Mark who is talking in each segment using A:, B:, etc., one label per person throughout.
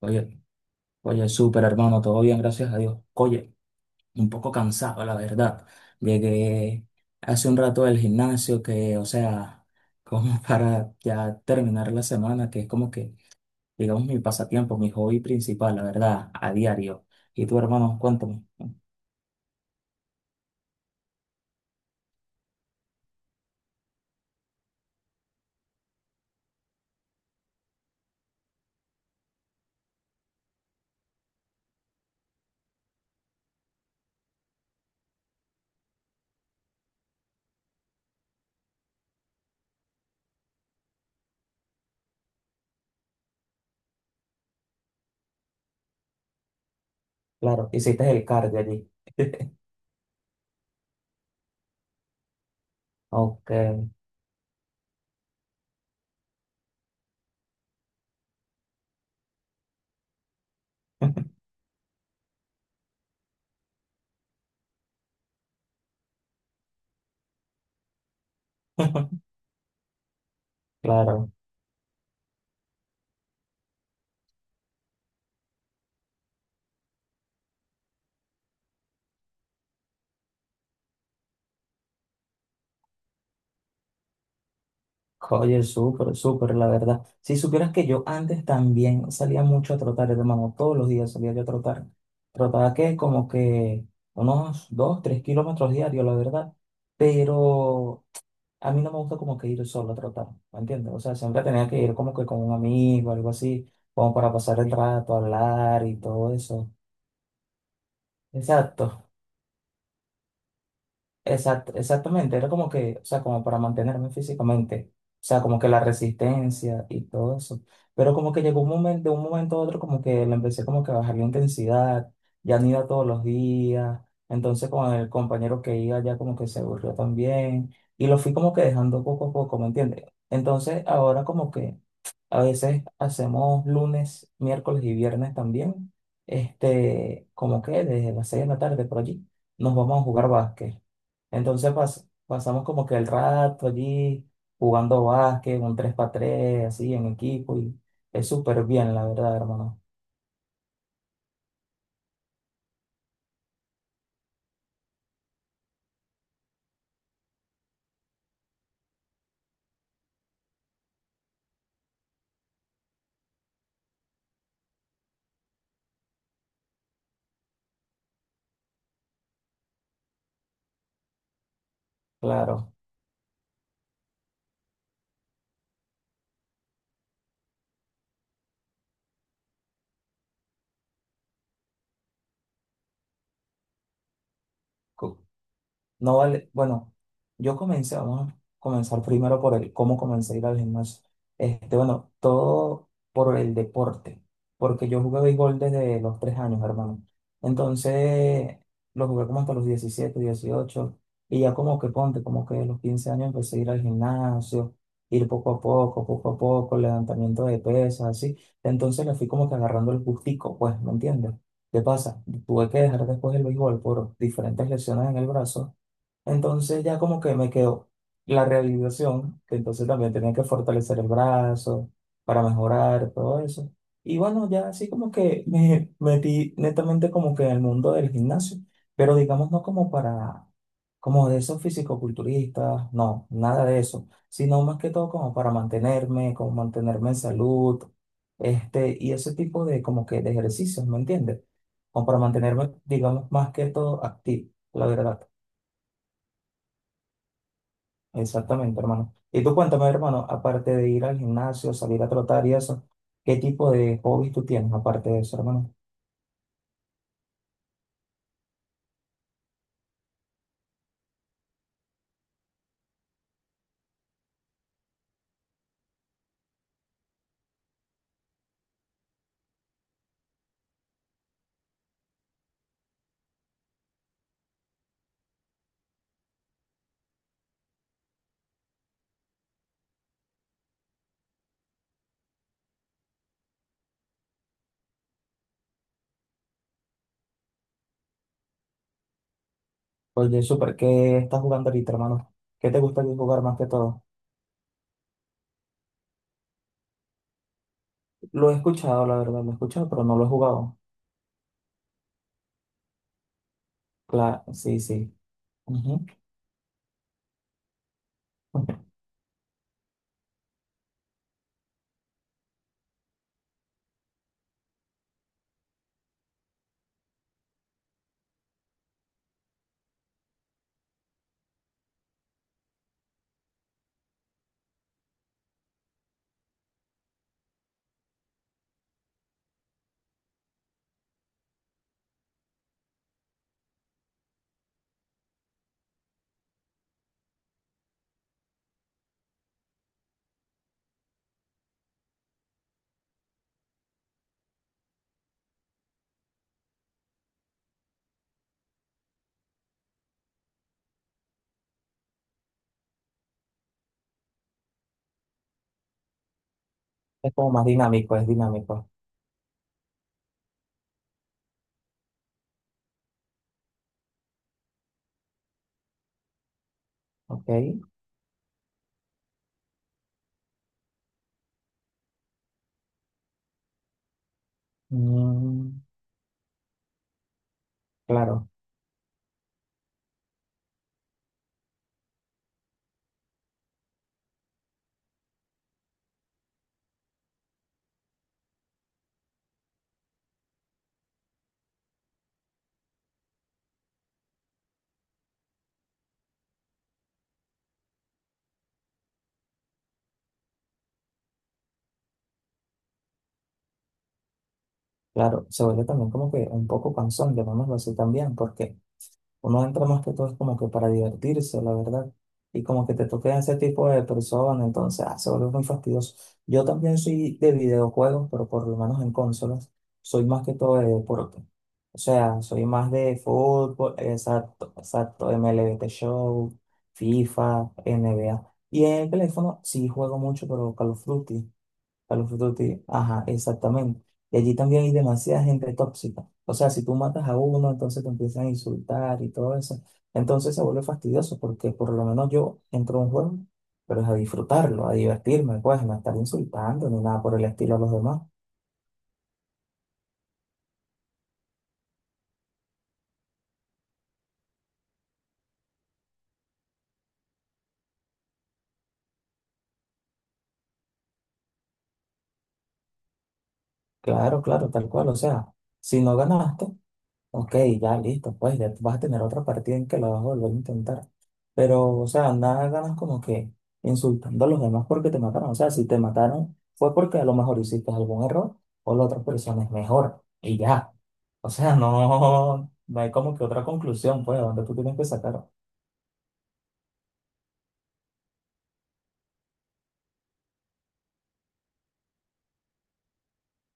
A: Oye, oye, súper hermano, todo bien, gracias a Dios. Oye, un poco cansado, la verdad. Llegué hace un rato del gimnasio que, o sea, como para ya terminar la semana, que es como que, digamos, mi pasatiempo, mi hobby principal, la verdad, a diario. Y tú, hermano, cuéntame. Claro, hiciste el cardio allí. Ok. Claro. Oye, súper, súper, la verdad. Si supieras que yo antes también salía mucho a trotar, hermano, todos los días salía yo a trotar. Trotaba que como que unos 2, 3 kilómetros diarios, la verdad. Pero a mí no me gusta como que ir solo a trotar, ¿me entiendes? O sea, siempre tenía que ir como que con un amigo, algo así, como para pasar el rato, hablar y todo eso. Exacto. Exactamente, era como que, o sea, como para mantenerme físicamente, o sea, como que la resistencia y todo eso. Pero como que llegó un momento, de un momento a otro, como que le empecé como que a bajar la intensidad, ya no iba todos los días, entonces con el compañero que iba ya como que se aburrió también, y lo fui como que dejando poco a poco, ¿me entiendes? Entonces ahora como que a veces hacemos lunes, miércoles y viernes también. Este, como que desde las 6 de la tarde por allí nos vamos a jugar básquet. Entonces pasamos como que el rato allí jugando básquet, un tres x tres así en equipo y es súper bien, la verdad, hermano. Claro. No vale, bueno, yo comencé, vamos a comenzar primero por el cómo comencé a ir al gimnasio. Este, bueno, todo por el deporte, porque yo jugué béisbol desde los 3 años, hermano. Entonces, lo jugué como hasta los 17, 18 y ya como que ponte, como que a los 15 años empecé a ir al gimnasio, ir poco a poco, levantamiento de pesas, así. Entonces le fui como que agarrando el gustico, pues, ¿me entiendes? ¿Qué pasa? Tuve que dejar después el béisbol por diferentes lesiones en el brazo, entonces ya como que me quedó la realización, que entonces también tenía que fortalecer el brazo para mejorar todo eso. Y bueno, ya así como que me metí netamente como que en el mundo del gimnasio, pero digamos no como para, como de esos fisicoculturistas, no, nada de eso, sino más que todo como para mantenerme, como mantenerme en salud, este, y ese tipo de como que de ejercicios, ¿me entiendes? Como para mantenerme, digamos, más que todo activo, la verdad. Exactamente, hermano. Y tú cuéntame, hermano, aparte de ir al gimnasio, salir a trotar y eso, ¿qué tipo de hobbies tú tienes aparte de eso, hermano? Oye, súper, ¿qué estás jugando ahorita, hermano? ¿Qué te gusta jugar más que todo? Lo he escuchado, la verdad, lo he escuchado, pero no lo he jugado. Claro, sí, sí. Ujú. Es como más dinámico, es dinámico. Ok. Mm, claro, claro. Se vuelve también como que un poco cansón, llamémoslo así también, porque uno entra más que todo es como que para divertirse, la verdad. Y como que te toquen ese tipo de personas, entonces ah, se vuelve muy fastidioso. Yo también soy de videojuegos, pero por lo menos en consolas, soy más que todo de deporte. O sea, soy más de fútbol, exacto, exacto, MLB The Show, FIFA, NBA. Y en el teléfono sí juego mucho, pero Call of Duty para los frutos tigres. Ajá, exactamente. Y allí también hay demasiada gente tóxica. O sea, si tú matas a uno, entonces te empiezan a insultar y todo eso. Entonces se vuelve fastidioso porque por lo menos yo entro a un juego, pero es a disfrutarlo, a divertirme, pues, no a estar insultando ni nada por el estilo a los demás. Claro, claro, tal cual. O sea, si no ganaste, ok, ya listo, pues ya vas a tener otra partida en que lo vas a volver a intentar. Pero, o sea, nada ganas como que insultando a los demás porque te mataron. O sea, si te mataron fue porque a lo mejor hiciste algún error o la otra persona es mejor. Y ya. O sea, no, no hay como que otra conclusión, pues, donde tú tienes que sacar.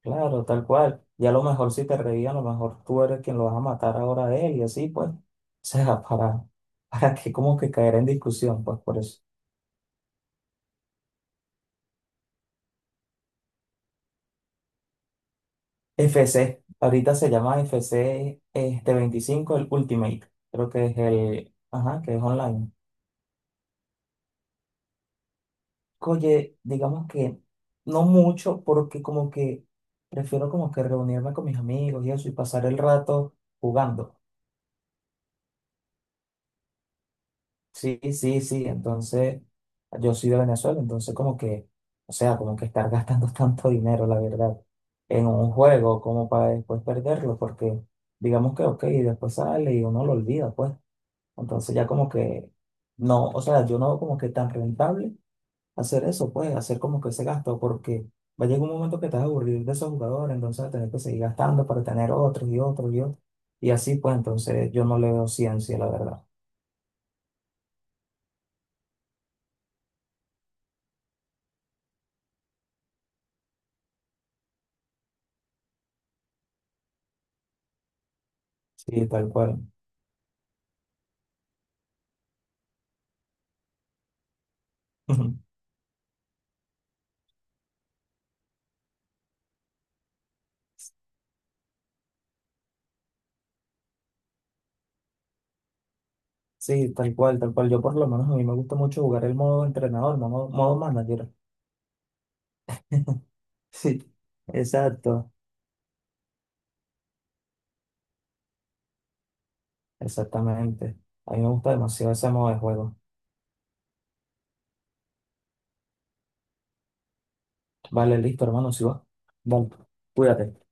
A: Claro, tal cual. Y a lo mejor si te reían, a lo mejor tú eres quien lo vas a matar ahora a él y así, pues. O sea, para que como que caer en discusión, pues, por eso. FC, ahorita se llama FC este 25 el Ultimate, creo que es el, ajá, que es online. Oye, digamos que no mucho, porque como que prefiero como que reunirme con mis amigos y eso y pasar el rato jugando. Sí, sí, sí, entonces yo soy de Venezuela, entonces como que, o sea, como que estar gastando tanto dinero, la verdad, en un juego como para después perderlo, porque digamos que, ok, después sale y uno lo olvida, pues. Entonces ya como que no, o sea, yo no veo como que tan rentable hacer eso, pues, hacer como que ese gasto, porque va a llegar un momento que te vas a aburrir de esos jugadores, entonces vas a tener que seguir gastando para tener otros y otros y otros. Y así, pues, entonces yo no le veo ciencia, la verdad. Sí, tal cual. Sí, tal cual, tal cual. Yo por lo menos a mí me gusta mucho jugar el modo entrenador, modo, modo manager. Sí, exacto, exactamente. A mí me gusta demasiado ese modo de juego. Vale, listo, hermano, si va. Vale, cuídate.